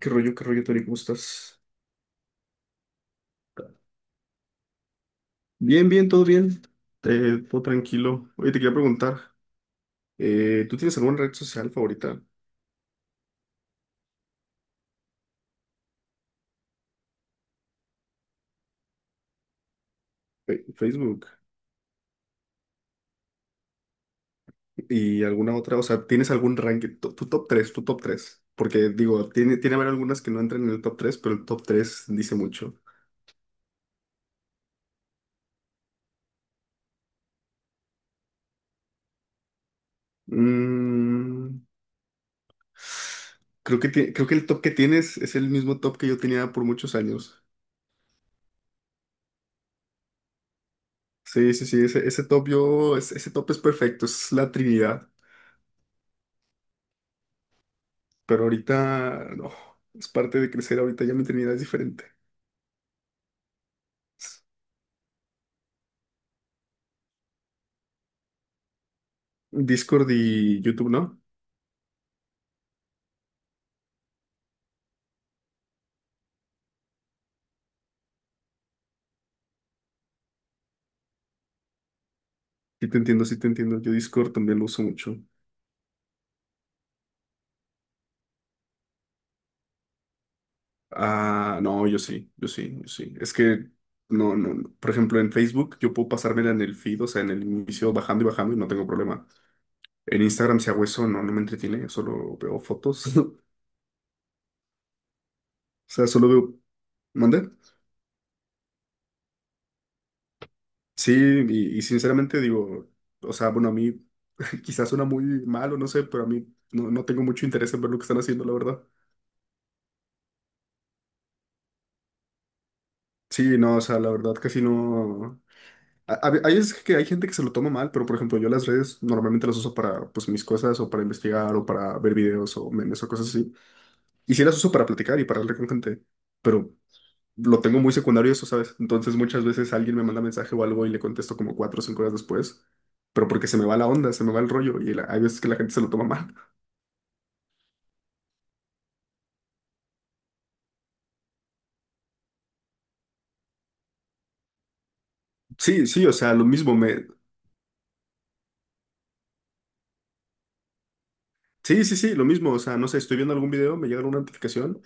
Qué rollo, Tony? ¿Cómo estás? Bien, bien, todo bien. Todo tranquilo. Oye, te quería preguntar, ¿tú tienes alguna red social favorita? Facebook y alguna otra, o sea, ¿tienes algún ranking? Tu top 3, tu top 3. Porque digo, tiene haber algunas que no entran en el top 3, pero el top 3 dice mucho. Mm, creo que el top que tienes es el mismo top que yo tenía por muchos años. Sí, sí, sí, ese top yo, ese top es perfecto, es la Trinidad. Pero ahorita, no, es parte de crecer. Ahorita ya mi eternidad es diferente. Discord y YouTube, ¿no? Sí te entiendo, sí te entiendo. Yo Discord también lo uso mucho. Ah, no, yo sí, yo sí, yo sí. Es que, no, no, no. Por ejemplo, en Facebook yo puedo pasármela en el feed, o sea, en el inicio bajando y bajando y no tengo problema. En Instagram, si hago eso, no, no me entretiene, solo veo fotos. O sea, solo veo... ¿Mande? Sí, y sinceramente digo, o sea, bueno, a mí quizás suena muy malo, no sé, pero a mí no, no tengo mucho interés en ver lo que están haciendo, la verdad. Sí, no, o sea, la verdad casi no... Hay, es que hay gente que se lo toma mal, pero por ejemplo yo las redes normalmente las uso para pues mis cosas o para investigar o para ver videos o memes o cosas así. Y sí las uso para platicar y para hablar con gente, pero lo tengo muy secundario eso, ¿sabes? Entonces muchas veces alguien me manda mensaje o algo y le contesto como 4 o 5 horas después, pero porque se me va la onda, se me va el rollo y hay veces que la gente se lo toma mal. Sí, sí, o sea, lo mismo me... Sí, sí, sí, lo mismo, o sea, no sé, estoy viendo algún video, me llega una notificación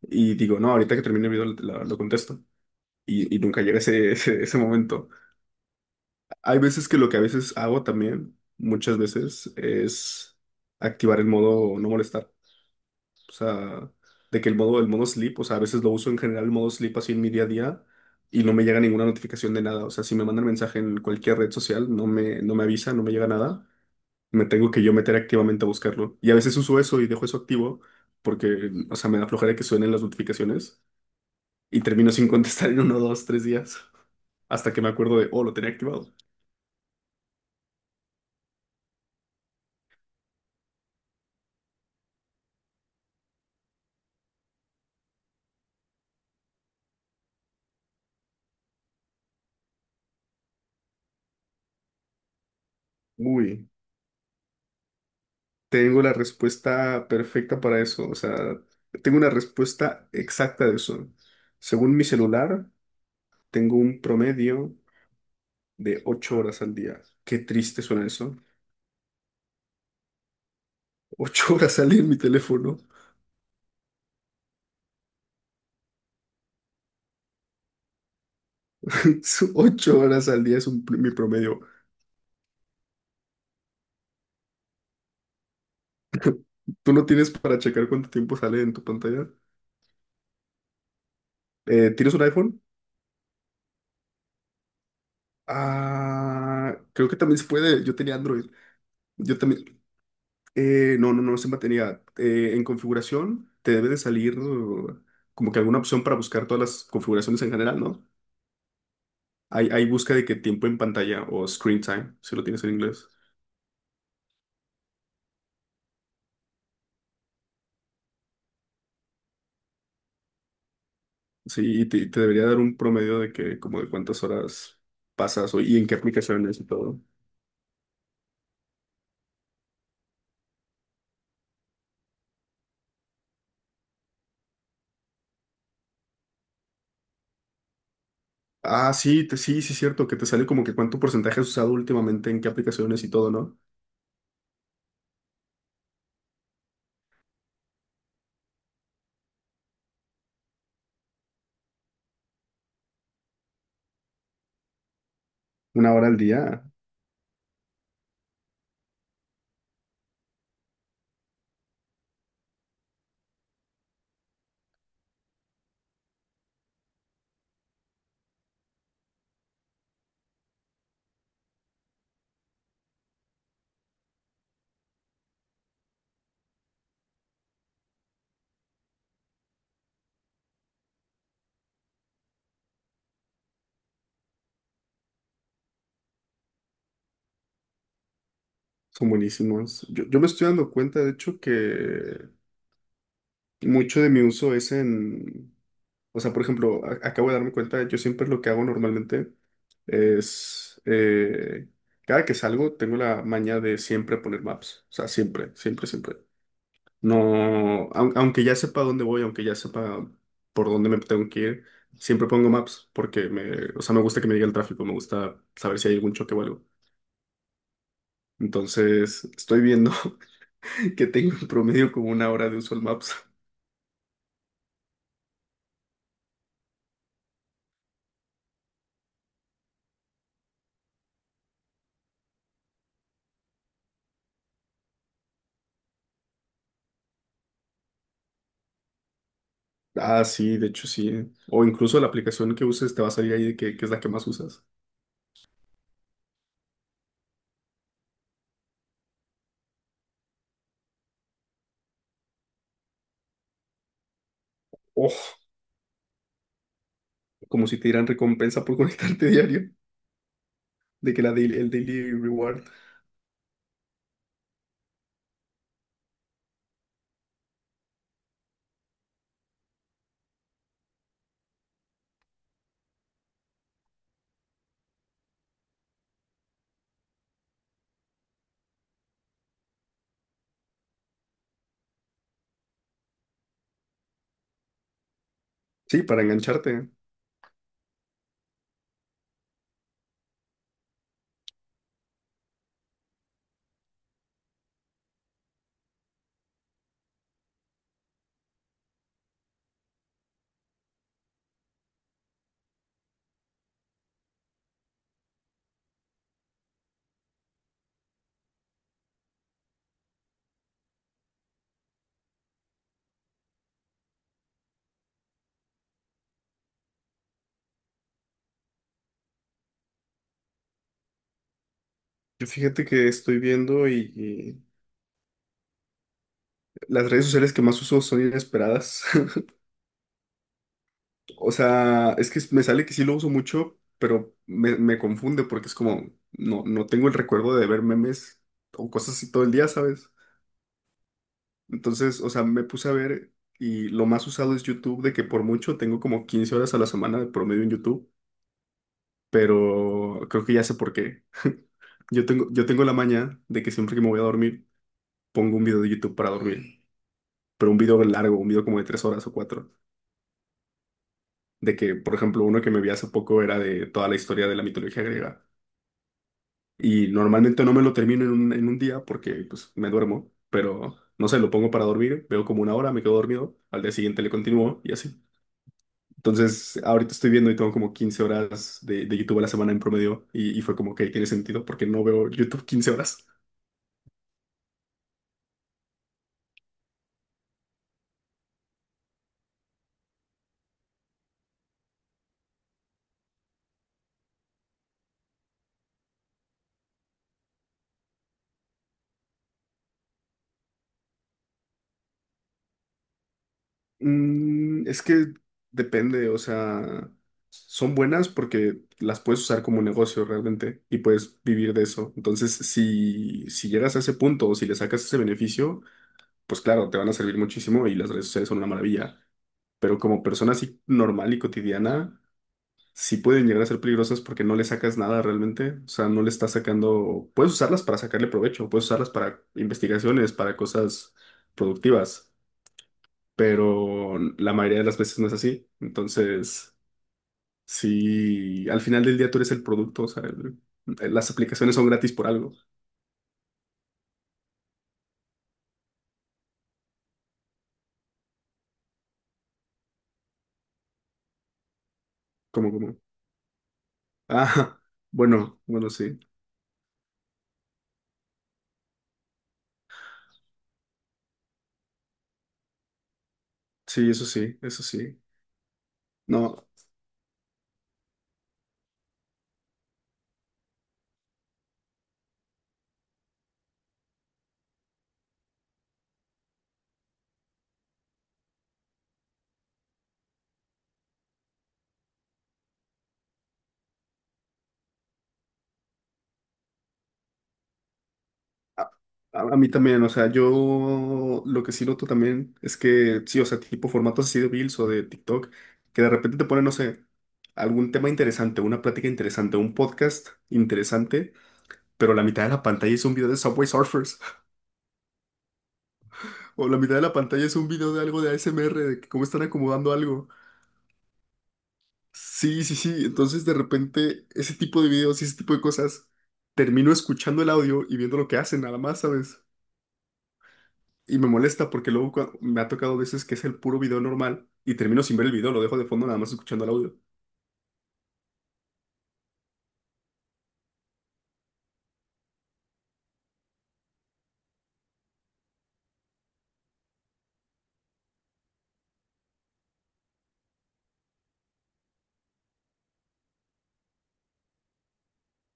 y digo, no, ahorita que termine el video lo contesto y nunca llega ese momento. Hay veces que lo que a veces hago también, muchas veces, es activar el modo no molestar. O sea, de que el modo sleep, o sea, a veces lo uso en general el modo sleep así en mi día a día y no me llega ninguna notificación de nada. O sea, si me mandan mensaje en cualquier red social, no me avisa, no me llega nada. Me tengo que yo meter activamente a buscarlo. Y a veces uso eso y dejo eso activo porque, o sea, me da flojera que suenen las notificaciones y termino sin contestar en uno, dos, tres días hasta que me acuerdo de, oh, lo tenía activado. Uy, tengo la respuesta perfecta para eso. O sea, tengo una respuesta exacta de eso. Según mi celular, tengo un promedio de 8 horas al día. Qué triste suena eso. Ocho horas al día en mi teléfono. 8 horas al día es mi promedio. ¿Tú no tienes para checar cuánto tiempo sale en tu pantalla? ¿Tienes un iPhone? Ah, creo que también se puede. Yo tenía Android. Yo también. No, no, no se mantenía. En configuración te debe de salir, como que alguna opción para buscar todas las configuraciones en general, ¿no? Hay busca de que tiempo en pantalla o screen time, si lo tienes en inglés. Sí, y te debería dar un promedio de que como de cuántas horas pasas y en qué aplicaciones y todo. Ah, sí, sí, sí, es cierto, que te sale como que cuánto porcentaje has usado últimamente en qué aplicaciones y todo, ¿no? 1 hora al día, son buenísimos. Yo me estoy dando cuenta, de hecho, que mucho de mi uso es en, o sea, por ejemplo, acabo de darme cuenta, yo siempre lo que hago normalmente es, cada que salgo, tengo la maña de siempre poner maps, o sea, siempre, siempre, siempre. No, aunque ya sepa dónde voy, aunque ya sepa por dónde me tengo que ir, siempre pongo maps porque me, o sea, me gusta que me diga el tráfico, me gusta saber si hay algún choque o algo. Entonces, estoy viendo que tengo en promedio como 1 hora de uso al maps. Ah, sí, de hecho sí. O incluso la aplicación que uses te va a salir ahí de que es la que más usas. Oh, como si te dieran recompensa por conectarte diario, de que el daily reward. Sí, para engancharte. Yo fíjate que estoy viendo y, las redes sociales que más uso son inesperadas. O sea, es que me sale que sí lo uso mucho, pero me confunde porque es como, no, no tengo el recuerdo de ver memes o cosas así todo el día, ¿sabes? Entonces, o sea, me puse a ver y lo más usado es YouTube, de que por mucho tengo como 15 horas a la semana de promedio en YouTube, pero creo que ya sé por qué. Yo tengo la maña de que siempre que me voy a dormir, pongo un video de YouTube para dormir, pero un video largo, un video como de 3 horas o 4. De que, por ejemplo, uno que me vi hace poco era de toda la historia de la mitología griega. Y normalmente no me lo termino en un día porque pues me duermo, pero no sé, lo pongo para dormir, veo como 1 hora, me quedo dormido, al día siguiente le continúo y así. Entonces, ahorita estoy viendo y tengo como 15 horas de YouTube a la semana en promedio y fue como que "Ok, tiene sentido porque no veo YouTube 15 horas". Es que depende, o sea, son buenas porque las puedes usar como negocio realmente y puedes vivir de eso. Entonces, si llegas a ese punto o si le sacas ese beneficio, pues claro, te van a servir muchísimo y las redes sociales son una maravilla. Pero como persona así normal y cotidiana, sí pueden llegar a ser peligrosas porque no le sacas nada realmente. O sea, no le estás sacando... Puedes usarlas para sacarle provecho, puedes usarlas para investigaciones, para cosas productivas, pero la mayoría de las veces no es así. Entonces, si al final del día tú eres el producto, o sea, las aplicaciones son gratis por algo, como, como, ah, bueno, bueno, sí, sí, eso sí, eso sí. No, a, a mí también, o sea, yo lo que sí noto también es que, sí, o sea, tipo formatos así de Reels o de TikTok, que de repente te ponen, no sé, algún tema interesante, una plática interesante, un podcast interesante, pero la mitad de la pantalla es un video de Subway Surfers. O la mitad de la pantalla es un video de algo de ASMR, de que cómo están acomodando algo. Sí, sí, sí. Entonces, de repente, ese tipo de videos y ese tipo de cosas, termino escuchando el audio y viendo lo que hacen, nada más, ¿sabes? Y me molesta porque luego me ha tocado veces que es el puro video normal y termino sin ver el video, lo dejo de fondo nada más escuchando el audio.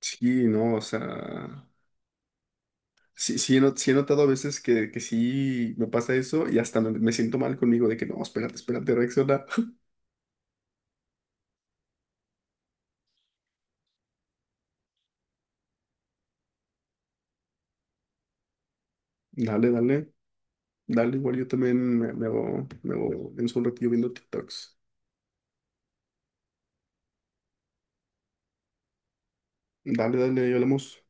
Sí, no, o sea. Sí, sí, he, not- sí he notado a veces que sí me pasa eso y hasta me siento mal conmigo de que no, espérate, espérate, reacciona. Dale, dale. Dale, igual yo también me hago en un ratillo viendo TikToks. Dale, dale, ahí hablamos.